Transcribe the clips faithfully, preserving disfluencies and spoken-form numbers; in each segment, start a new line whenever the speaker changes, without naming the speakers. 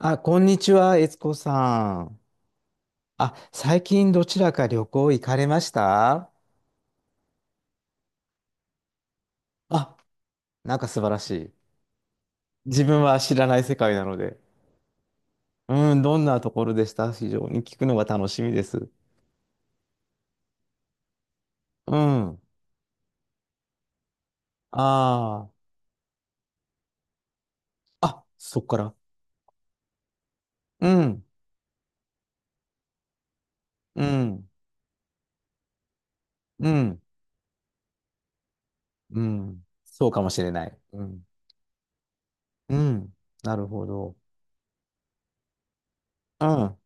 あ、こんにちは、悦子さん。あ、最近どちらか旅行行かれました？あ、なんか素晴らしい。自分は知らない世界なので。うん、どんなところでした？非常に聞くのが楽しみです。うん。ああ。あ、そっから。うん、うん、うん、うん。そうかもしれない。うん、うん。なるほど。うん、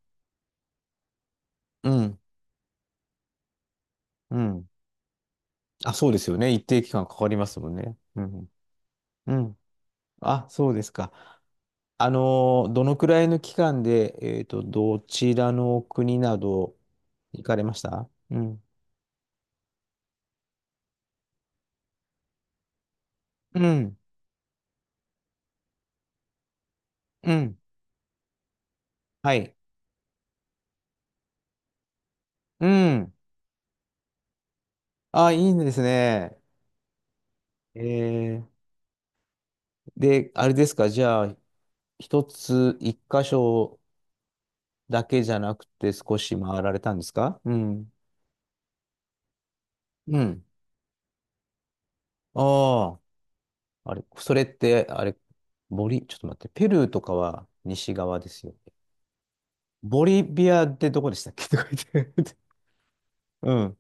うん、うん。あ、そうですよね。一定期間かかりますもんね。うん、うん。あ、そうですか。あの、どのくらいの期間で、えっと、どちらの国など行かれました？うん。うん。うん。はい。うん。あ、いいんですね。えー、で、あれですか、じゃあ、一つ、一箇所だけじゃなくて少し回られたんですか？うん。うん。ああ、あれ、それって、あれ、ボリ、ちょっと待って、ペルーとかは西側ですよね。ボリビアってどこでしたっけとか言って。うん。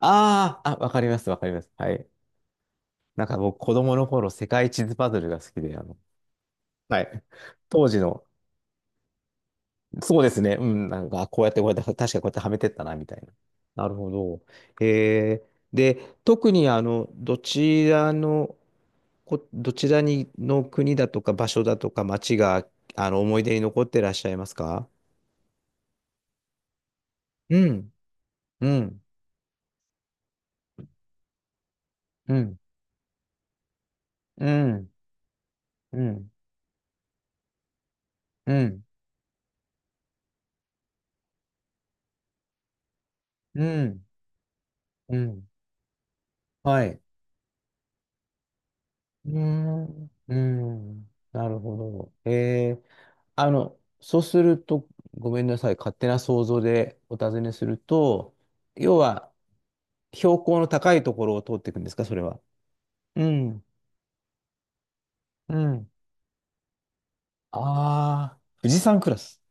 ああ、あ、わかります、わかります。はい。なんか僕、子供の頃、世界地図パズルが好きで、あの、はい。当時の、そうですね、うん、なんか、あこうやって、こうやって、確かこうやってはめてったな、みたいな。なるほど。えー、で、特に、あの、どちらの、こ、どちらに、の国だとか、場所だとか、町が、あの、思い出に残ってらっしゃいますか？うん、うん、うん、うん、うん、うん、うん、うん。はい。うーん、うーん、なるほど。えー、あの、そうすると、ごめんなさい、勝手な想像でお尋ねすると、要は、標高の高いところを通っていくんですか、それは。うん、うん。ああ、富士山クラス。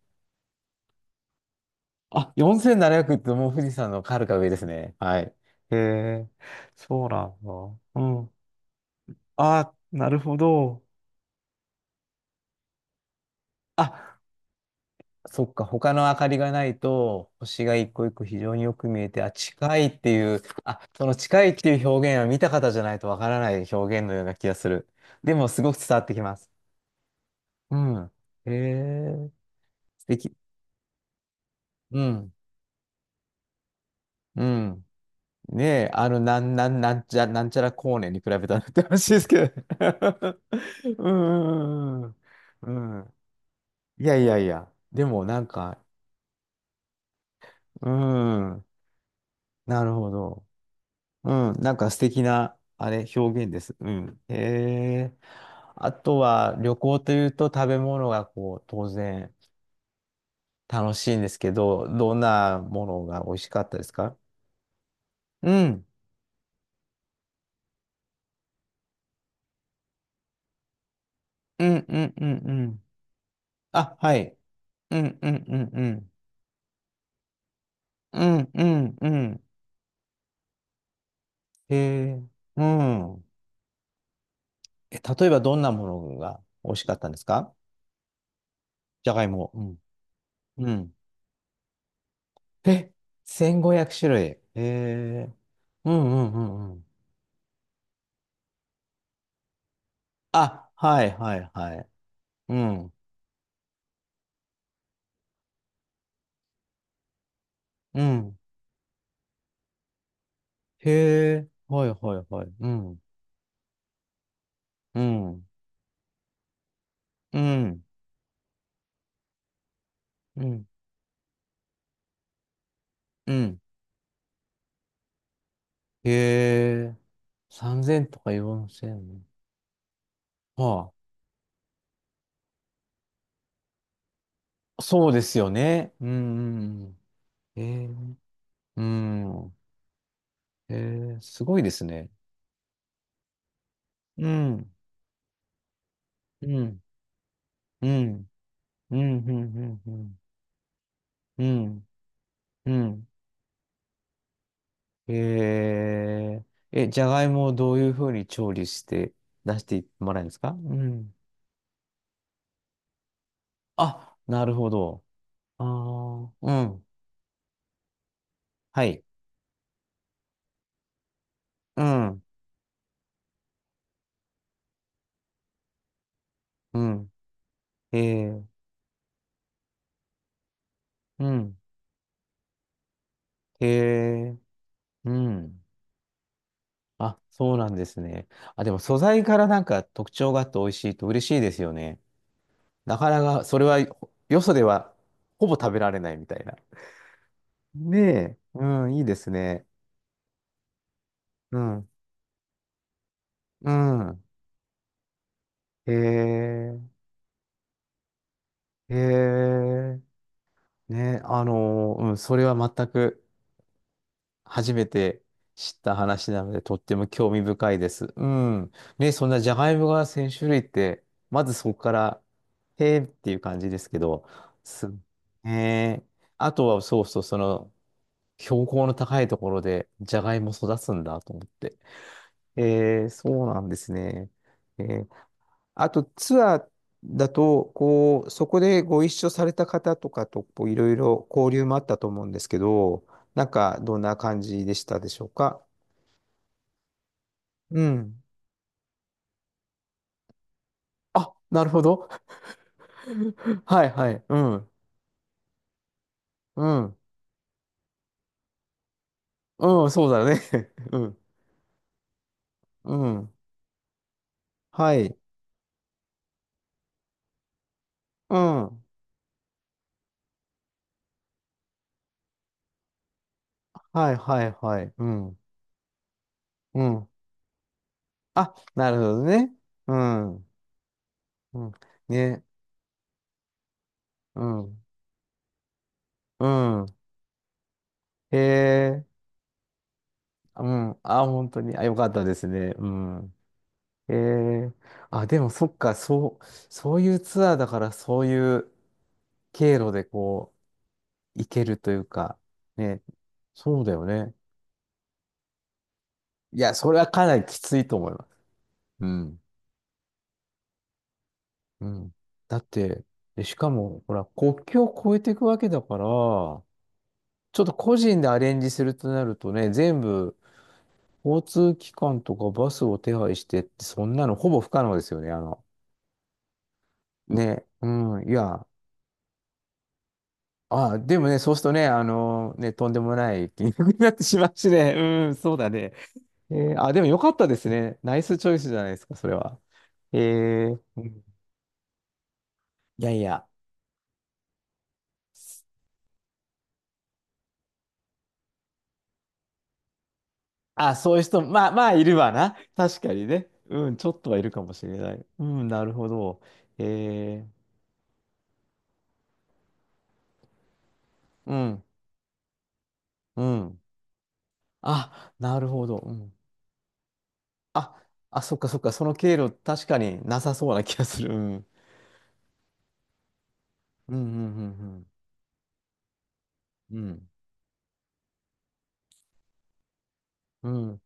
あ、よんせんななひゃくってもう富士山のはか上ですね。はい。へえ、そうなんだ。うん。あ、なるほど。あそっか、他の明かりがないと、星が一個一個非常によく見えて、あ、近いっていう、あ、その近いっていう表現は見た方じゃないとわからない表現のような気がする。でも、すごく伝わってきます。うん。へえ、素敵。うん。うん。ねえ、あの、なん、なん、なんちゃ、なんちゃら光年に比べたらって話ですけど。うん。うんうんうん。いやいやいや。でも、なんか、うん。なるほど。うん、なんか素敵な、あれ、表現です。うん。へえ。あとは、旅行というと食べ物がこう、当然楽しいんですけど、どんなものが美味しかったですか？うん。うん、うん、うん、うん。あ、はい。うん、うん、うん、うん。うん、うん、うん。へえ。うん。え、例えばどんなものが美味しかったんですか？じゃがいも。うん。うん。え、せんごひゃく種類。へえ。うん、うん、うん、あ、はいはいはい。うん。うん。へえ。はいはいはい。うん。うん。うん。うん。うん。へえ。さんぜんとかよんせん。はあ。そうですよね。うん。うんうんへえ。うん。へえ。すごいですね。うん。うん。うん。うん。うん。うん。うん。うんへえ。え、じゃがいもをどういうふうに調理して出してもらえるんですか？うん。あ、なるほど。ああ、うん。はい。うん。うん。へえ。うん。へえ。うん。あ、そうなんですね。あ、でも素材からなんか特徴があって美味しいと嬉しいですよね。なかなか、それは、よそではほぼ食べられないみたいな。ねえ。うん、いいですね。うん。うん。へえ。へえ。ね、あのーうん、それは全く。初めて知った話なので、とっても興味深いです。うん。ね、そんなジャガイモがせん種類って、まずそこから、へーっていう感じですけど、す、ねえ、あとはそうそう、その、標高の高いところで、ジャガイモ育つんだと思って。えー、そうなんですね。えー、あとツアーだと、こう、そこでご一緒された方とかと、こう、いろいろ交流もあったと思うんですけど、なんか、どんな感じでしたでしょうか？うん。あ、なるほど。はいはい。うん。うん。うん、そうだね。うん。うん。はい。うん。はいはいはい。うん。うん。あ、なるほどね。うん。うん。ね。うん。うん。へえ。うん。あ、本当に。あ、よかったですね。うん。ええ、あ、でもそっか、そう、そういうツアーだから、そういう経路でこう、行けるというか、ね、そうだよね。いや、それはかなりきついと思います。うん。うん。だって、でしかも、ほら、国境を越えていくわけだから、ちょっと個人でアレンジするとなるとね、全部、交通機関とかバスを手配してって、そんなのほぼ不可能ですよね。あの、ね、うん、いや、ああ、でもね、そうするとね、あのね、とんでもない金額になってしまうしね。うん、そうだね。えー、あ、でもよかったですね。ナイスチョイスじゃないですか、それは。えー、うん、いやいや。あ、そういう人、まあまあいるわな。確かにね。うん、ちょっとはいるかもしれない。うん、なるほど。えー、うん、うん。あ、なるほど。うん。あ、あ、そっかそっか。その経路、確かになさそうな気がする。うん、うん、うん、うん、うん。うん。うん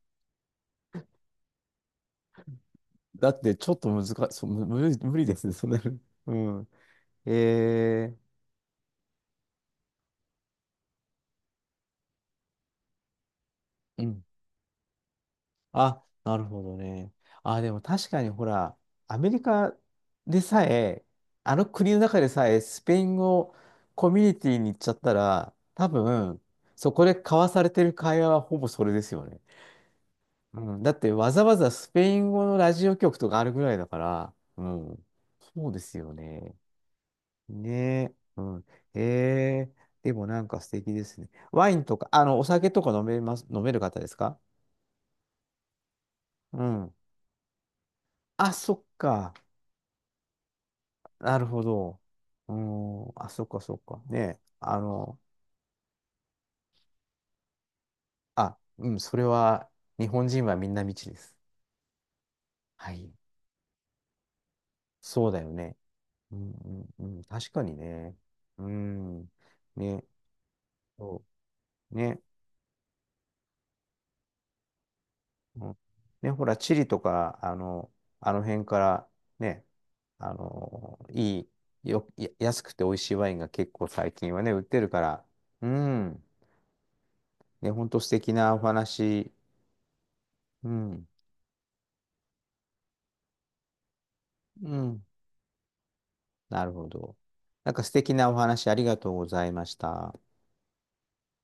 だってちょっと難し、そう、む無理、無理ですね、それ。うん。ええうん。あ、なるほどね。あ、でも確かにほら、アメリカでさえ、あの国の中でさえ、スペイン語コミュニティに行っちゃったら、多分、そこで交わされてる会話はほぼそれですよね。うん。だってわざわざスペイン語のラジオ局とかあるぐらいだから、うん。そうですよね。ねえ、うん。ええ、でもなんか素敵ですね。ワインとか、あの、お酒とか飲めます、飲める方ですか？うん。あ、そっか。なるほど。うん。あ、そっかそっか。ねえ、あの、あ、うん、それは、日本人はみんな未知です。はい。そうだよね。うんうんうん。確かにね。うん。ね、そう。ね。うんね、ほら、チリとか、あの、あの辺から、ね、あの、いい、よ、や安くて美味しいワインが結構最近はね、売ってるから、うん、ね、ほんと素敵なお話、うん、うん、なるほど。なんか素敵なお話ありがとうございました。